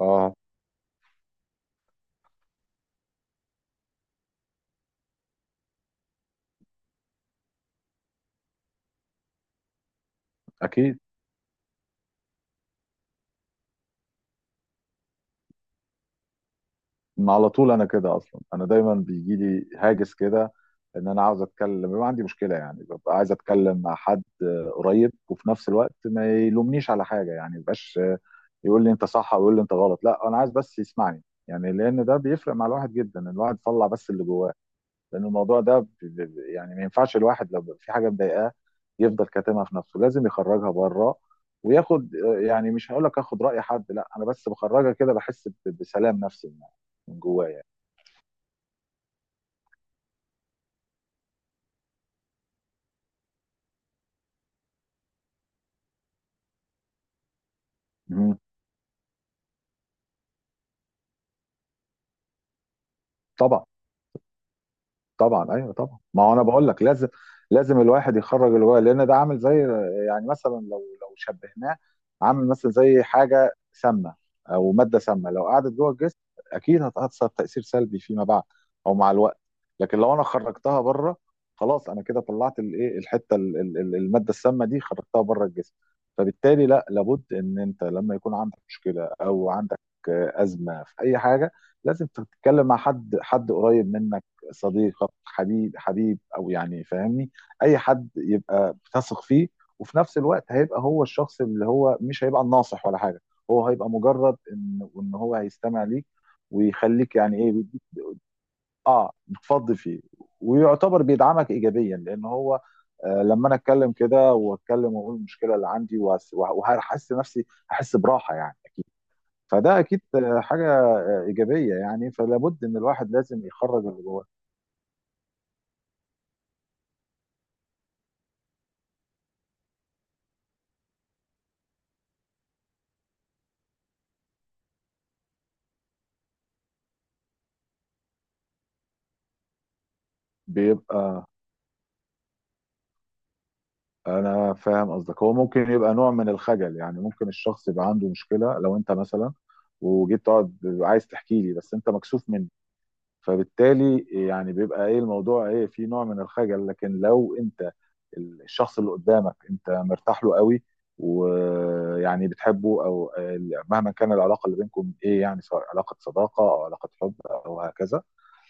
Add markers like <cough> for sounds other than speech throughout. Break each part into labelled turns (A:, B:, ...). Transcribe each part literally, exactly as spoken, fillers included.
A: اه اكيد. ما على طول انا كده اصلا، انا دايما بيجي لي هاجس كده، ان انا عاوز اتكلم، بيبقى عندي مشكله يعني، ببقى عايز اتكلم مع حد قريب، وفي نفس الوقت ما يلومنيش على حاجه، يعني ما يبقاش يقول لي انت صح او يقول لي انت غلط، لا، انا عايز بس يسمعني، يعني لان ده بيفرق مع الواحد جدا، الواحد يطلع بس اللي جواه. لان الموضوع ده ب- ب- يعني ما ينفعش الواحد لو في حاجه مضايقاه يفضل كاتمها في نفسه، لازم يخرجها بره. وياخد آه، يعني مش هقول لك اخد راي حد، لا، انا بس بخرجها كده، بحس ب- بسلام نفسي من من جوايا يعني. مهم. طبعا، طبعا، ايوه طبعا، ما هو انا بقول لك لازم، لازم الواحد يخرج اللي جواه، لان ده عامل زي يعني مثلا لو لو شبهناه عامل مثلا زي حاجه سامه او ماده سامه، لو قعدت جوه الجسم اكيد هتاثر تاثير سلبي فيما بعد او مع الوقت. لكن لو انا خرجتها بره، خلاص، انا كده طلعت الايه، الحته ال- ال- ال- الماده السامه دي خرجتها بره الجسم. فبالتالي لا لابد ان انت لما يكون عندك مشكله او عندك آه، ازمه في اي حاجه لازم تتكلم مع حد، حد قريب منك، صديقك، حبيب حبيب او يعني فاهمني، اي حد يبقى بتثق فيه، وفي نفس الوقت هيبقى هو الشخص اللي هو مش هيبقى الناصح ولا حاجه، هو هيبقى مجرد ان ان هو هيستمع ليك، ويخليك يعني ايه، بيديك، اه بتفضي فيه، ويعتبر بيدعمك ايجابيا. لان هو آه، لما انا اتكلم كده واتكلم واقول المشكله اللي عندي وهس- وه- وهحس نفسي، هحس براحه يعني، اكيد. فده اكيد آه، حاجه آه، ايجابيه يعني، فلابد ان الواحد لازم يخرج اللي جواه. بيبقى، انا فاهم قصدك، هو ممكن يبقى نوع من الخجل، يعني ممكن الشخص يبقى عنده مشكله، لو انت مثلا وجيت تقعد عايز تحكي لي، بس انت مكسوف من، فبالتالي يعني بيبقى ايه الموضوع، ايه، في نوع من الخجل. لكن لو انت الشخص اللي قدامك انت مرتاح له قوي، ويعني بتحبه او مهما كان العلاقه اللي بينكم ايه، يعني سواء علاقه صداقه او علاقه حب او هكذا،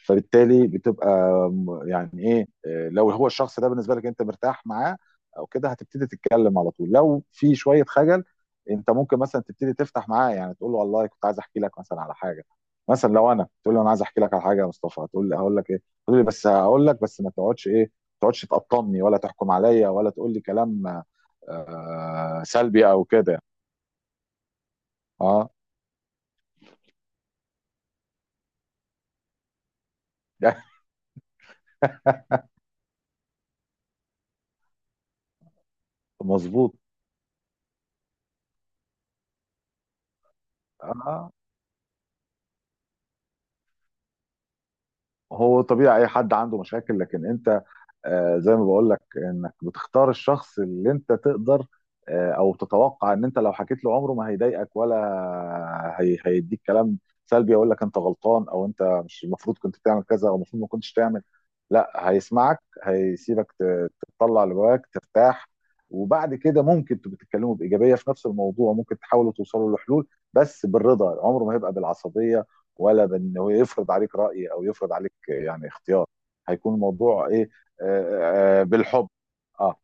A: فبالتالي بتبقى م- يعني ايه، إيه، لو هو الشخص ده بالنسبه لك انت مرتاح معاه او كده، هتبتدي تتكلم على طول. لو في شويه خجل، انت ممكن مثلا تبتدي تفتح معاه، يعني تقول له والله كنت عايز احكي لك مثلا على حاجه. مثلا لو انا تقول لي انا عايز احكي لك على حاجه، يا مصطفى، هتقول لي هقول لك ايه، تقول لي بس هقول لك، بس ما تقعدش، ايه، ما تقعدش تقطمني ولا تحكم عليا ولا تقول لي كلام آه سلبي او كده. اه. <laughs> مظبوط. اه، هو طبيعي اي حد عنده مشاكل، لكن انت آه، زي ما بقول لك انك بتختار الشخص اللي انت تقدر آه، او تتوقع ان انت لو حكيت له عمره ما هيضايقك، ولا هي هيديك كلام سلبي يقول لك انت غلطان، او انت مش المفروض كنت تعمل كذا، او المفروض ما كنتش تعمل، لا، هيسمعك، هيسيبك ت- تطلع اللي جواك ترتاح. وبعد كده ممكن تبقوا تتكلموا بايجابيه في نفس الموضوع، ممكن تحاولوا توصلوا لحلول، بس بالرضا، عمره ما هيبقى بالعصبيه ولا بانه يفرض عليك راي او يفرض عليك يعني اختيار. هيكون الموضوع ايه، آه، آه، بالحب، اه،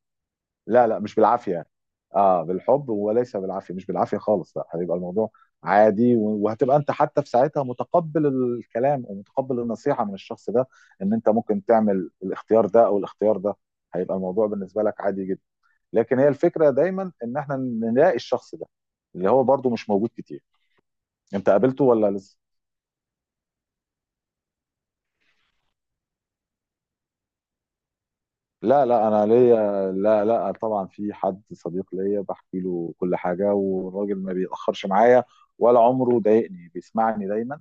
A: لا لا مش بالعافيه، اه بالحب وليس بالعافيه، مش بالعافيه خالص، لا هيبقى الموضوع عادي، و- وهتبقى انت حتى في ساعتها متقبل الكلام، ومتقبل النصيحه من الشخص ده، ان انت ممكن تعمل الاختيار ده او الاختيار ده، هيبقى الموضوع بالنسبه لك عادي جدا. لكن هي الفكره دايما ان احنا نلاقي الشخص ده، اللي هو برضو مش موجود كتير، انت قابلته ولا لسه؟ لا لا، انا ليا، لا لا، طبعا في حد صديق ليا بحكي له كل حاجه، والراجل ما بيتاخرش معايا، ولا عمره ضايقني، بيسمعني دايما،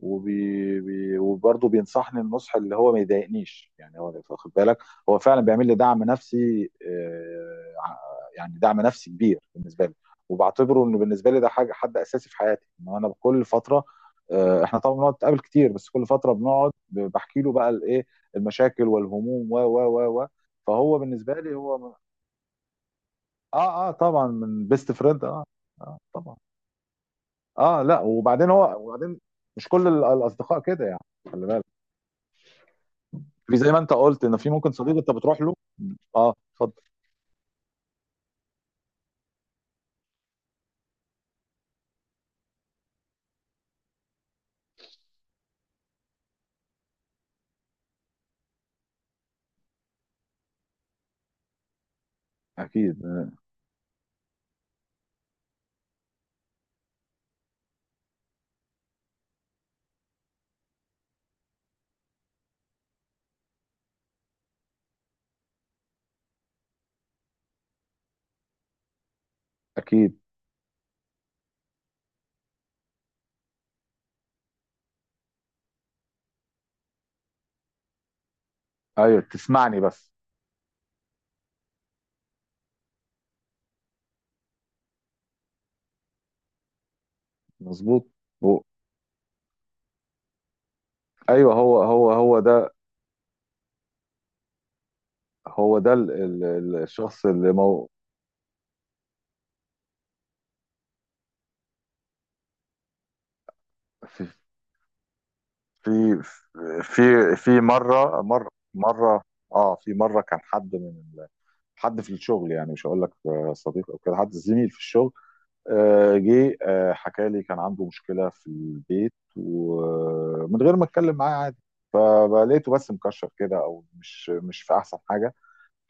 A: وبي... بي... وبرضه بينصحني النصح اللي هو ما يضايقنيش، يعني هو واخد بالك، هو فعلا بيعمل لي دعم نفسي، آه، ع- يعني دعم نفسي كبير بالنسبه لي، وبعتبره انه بالنسبه لي ده حاجه، حد اساسي في حياتي، ان انا كل فتره آه، احنا طبعا بنقعد نتقابل كتير، بس كل فتره بنقعد ب- بحكي له بقى الايه، المشاكل والهموم و و و و فهو بالنسبه لي هو من... اه اه طبعا، من بيست فريند، اه اه طبعا، اه، لا وبعدين هو وبعدين مش كل ال- الاصدقاء كده يعني، خلي بالك، في زي ما انت قلت ان في ممكن صديق انت بتروح له. اه اتفضل. اكيد اكيد، ايوه، تسمعني بس، مظبوط، و- ايوه، هو هو هو ده، هو ده ال- ال- ال- الشخص اللي مو، في في في في مره، مره مره اه، في مره كان حد من ال- حد في الشغل يعني، مش هقول لك صديق او كده، حد زميل في الشغل، آه، جه آه، حكى لي، كان عنده مشكله في البيت، ومن غير ما اتكلم معاه عادي فلقيته بس مكشر كده، او مش مش في احسن حاجه،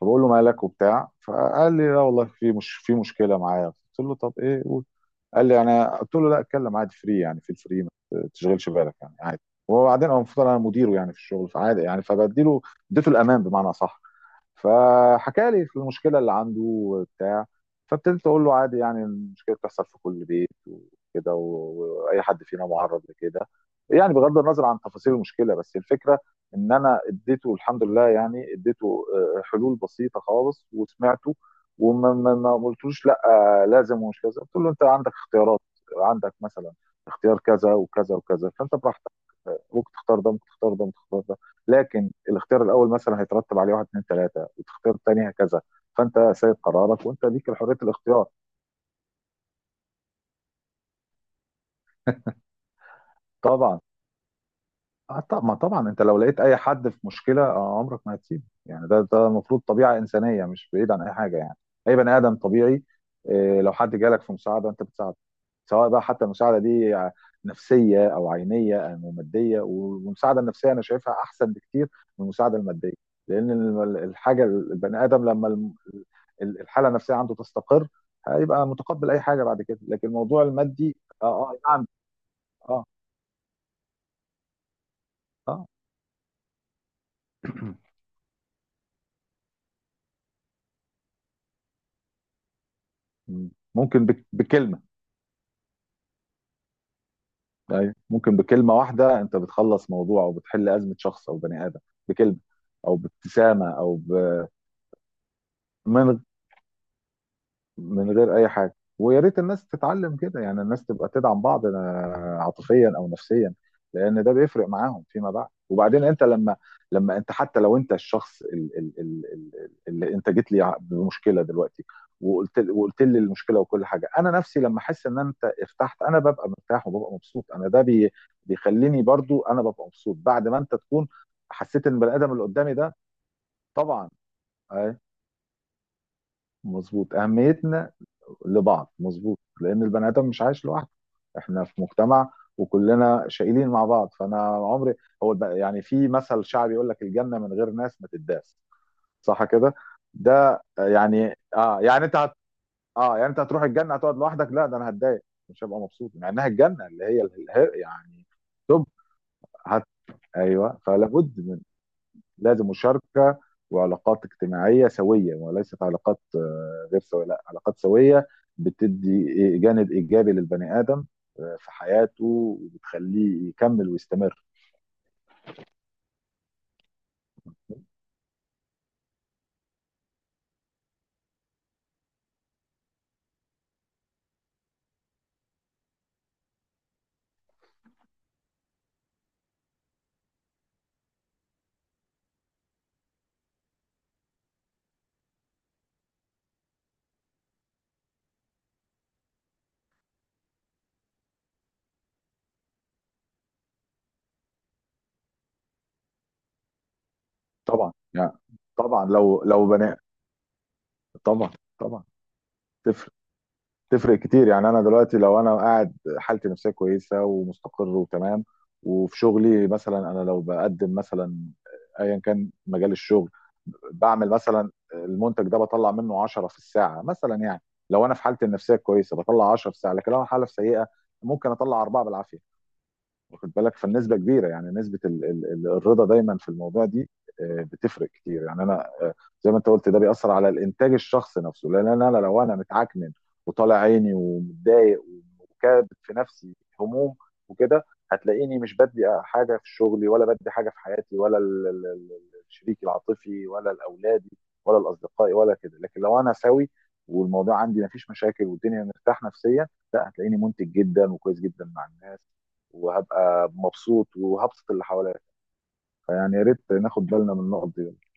A: فبقول له مالك وبتاع، فقال لي لا والله في مش في مشكله معايا، قلت له طب ايه قول، قال لي انا، قلت له لا اتكلم عادي فري، يعني في الفري، ما تشغلش بالك يعني، عادي. وبعدين هو المفروض انا مديره يعني في الشغل، فعادي يعني، فبديله، اديته الامان بمعنى صح، فحكى لي في المشكله اللي عنده وبتاع، فابتديت اقول له عادي يعني، المشكله بتحصل في كل بيت وكده، و- واي حد فينا معرض لكده يعني، بغض النظر عن تفاصيل المشكله، بس الفكره ان انا اديته الحمد لله، يعني اديته آه، حلول بسيطه خالص، وسمعته، وما ما ما قلتلوش لا آه، لازم ومش كذا، قلت له انت عندك اختيارات، عندك مثلا اختيار كذا وكذا وكذا، فانت براحتك، ممكن تختار ده، ممكن تختار ده، ممكن تختار ده. لكن الاختيار الاول مثلا هيترتب عليه واحد اتنين تلاته، والاختيار التاني هكذا، فانت سيد قرارك، وانت ليك حريه الاختيار. طبعا. اه، طب ما طبعا انت لو لقيت اي حد في مشكله آه، عمرك ما هتسيبه يعني، ده ده المفروض طبيعه انسانيه، مش بعيد عن اي حاجه يعني، اي بني ادم طبيعي، آه، لو حد جالك في مساعده انت بتساعده، سواء بقى حتى المساعده دي ع- نفسيه او عينيه او ماديه. والمساعده النفسيه انا شايفها احسن بكتير من المساعده الماديه، لان ال- الحاجه البني ادم لما الم- ال- الحاله النفسيه عنده تستقر، هيبقى متقبل اي حاجه بعد كده. لكن الموضوع المادي، اه اه نعم، اه اه، مم. ممكن بك- بكلمه، ايوه، ممكن بكلمه واحده انت بتخلص موضوع، او بتحل ازمه شخص او بني ادم بكلمه، او بابتسامه، او ب... من، من غير اي حاجه، ويا ريت الناس تتعلم كده، يعني الناس تبقى تدعم بعض آه، عاطفيا او نفسيا، لان ده بيفرق معاهم فيما بعد. وبعدين انت لما، لما انت حتى لو انت الشخص ال- ال- ال- ال- اللي انت جيت لي ع- بمشكله دلوقتي، وقلت وقلت لي المشكله وكل حاجه، انا نفسي لما احس ان انت ارتحت، انا ببقى مرتاح وببقى مبسوط انا، ده بي بيخليني برضو انا ببقى مبسوط بعد ما انت تكون حسيت ان البني ادم اللي قدامي ده، طبعا، آه، مظبوط، اهميتنا لبعض، مظبوط، لان البني ادم مش عايش لوحده، احنا في مجتمع، وكلنا شايلين مع بعض، فانا عمري، هو الب- يعني في مثل شعبي يقول لك الجنه من غير ناس ما تداس، صح كده، ده يعني اه، يعني انت هت... اه يعني انت هتروح الجنه هتقعد لوحدك؟ لا ده انا هتضايق، مش هبقى مبسوط، مع انها الجنه، اللي هي اله- يعني، طب هت... ايوه فلابد، لازم مشاركه، وعلاقات اجتماعيه سويه، وليست علاقات آه، غير سويه، لا علاقات سويه، بتدي جانب ايجابي للبني ادم آه، في حياته، وبتخليه يكمل ويستمر. طبعا يعني، طبعا، لو لو بني، طبعا طبعا، تفرق، تفرق كتير يعني. انا دلوقتي لو انا قاعد حالتي النفسيه كويسه ومستقر وتمام، وفي شغلي مثلا، انا لو بقدم مثلا ايا كان مجال الشغل، بعمل مثلا المنتج ده بطلع منه عشرة في الساعه مثلا يعني. لو انا في حالتي النفسيه كويسه بطلع عشرة في الساعه، لكن لو انا حاله سيئه ممكن اطلع اربعه بالعافيه، واخد بالك؟ فالنسبه كبيره يعني، نسبه ال ال ال الرضا دايما في الموضوع دي آه، بتفرق كتير يعني. انا آه، زي ما انت قلت، ده بيأثر على الانتاج الشخصي نفسه، لان انا أنا لو انا متعكنن وطالع عيني ومتضايق، وكابت في نفسي هموم وكده، هتلاقيني مش بدي حاجه في شغلي، ولا بدي حاجه في حياتي، ولا ال- ال- ال- الشريك العاطفي، ولا الاولادي، ولا الاصدقاء ولا كده. لكن لو انا سوي والموضوع عندي مفيش مشاكل، والدنيا مرتاح نفسيا، لا هتلاقيني منتج جدا وكويس جدا مع الناس، وهبقى مبسوط وهبسط اللي حواليا. فيعني يا ريت ناخد بالنا من النقط دي.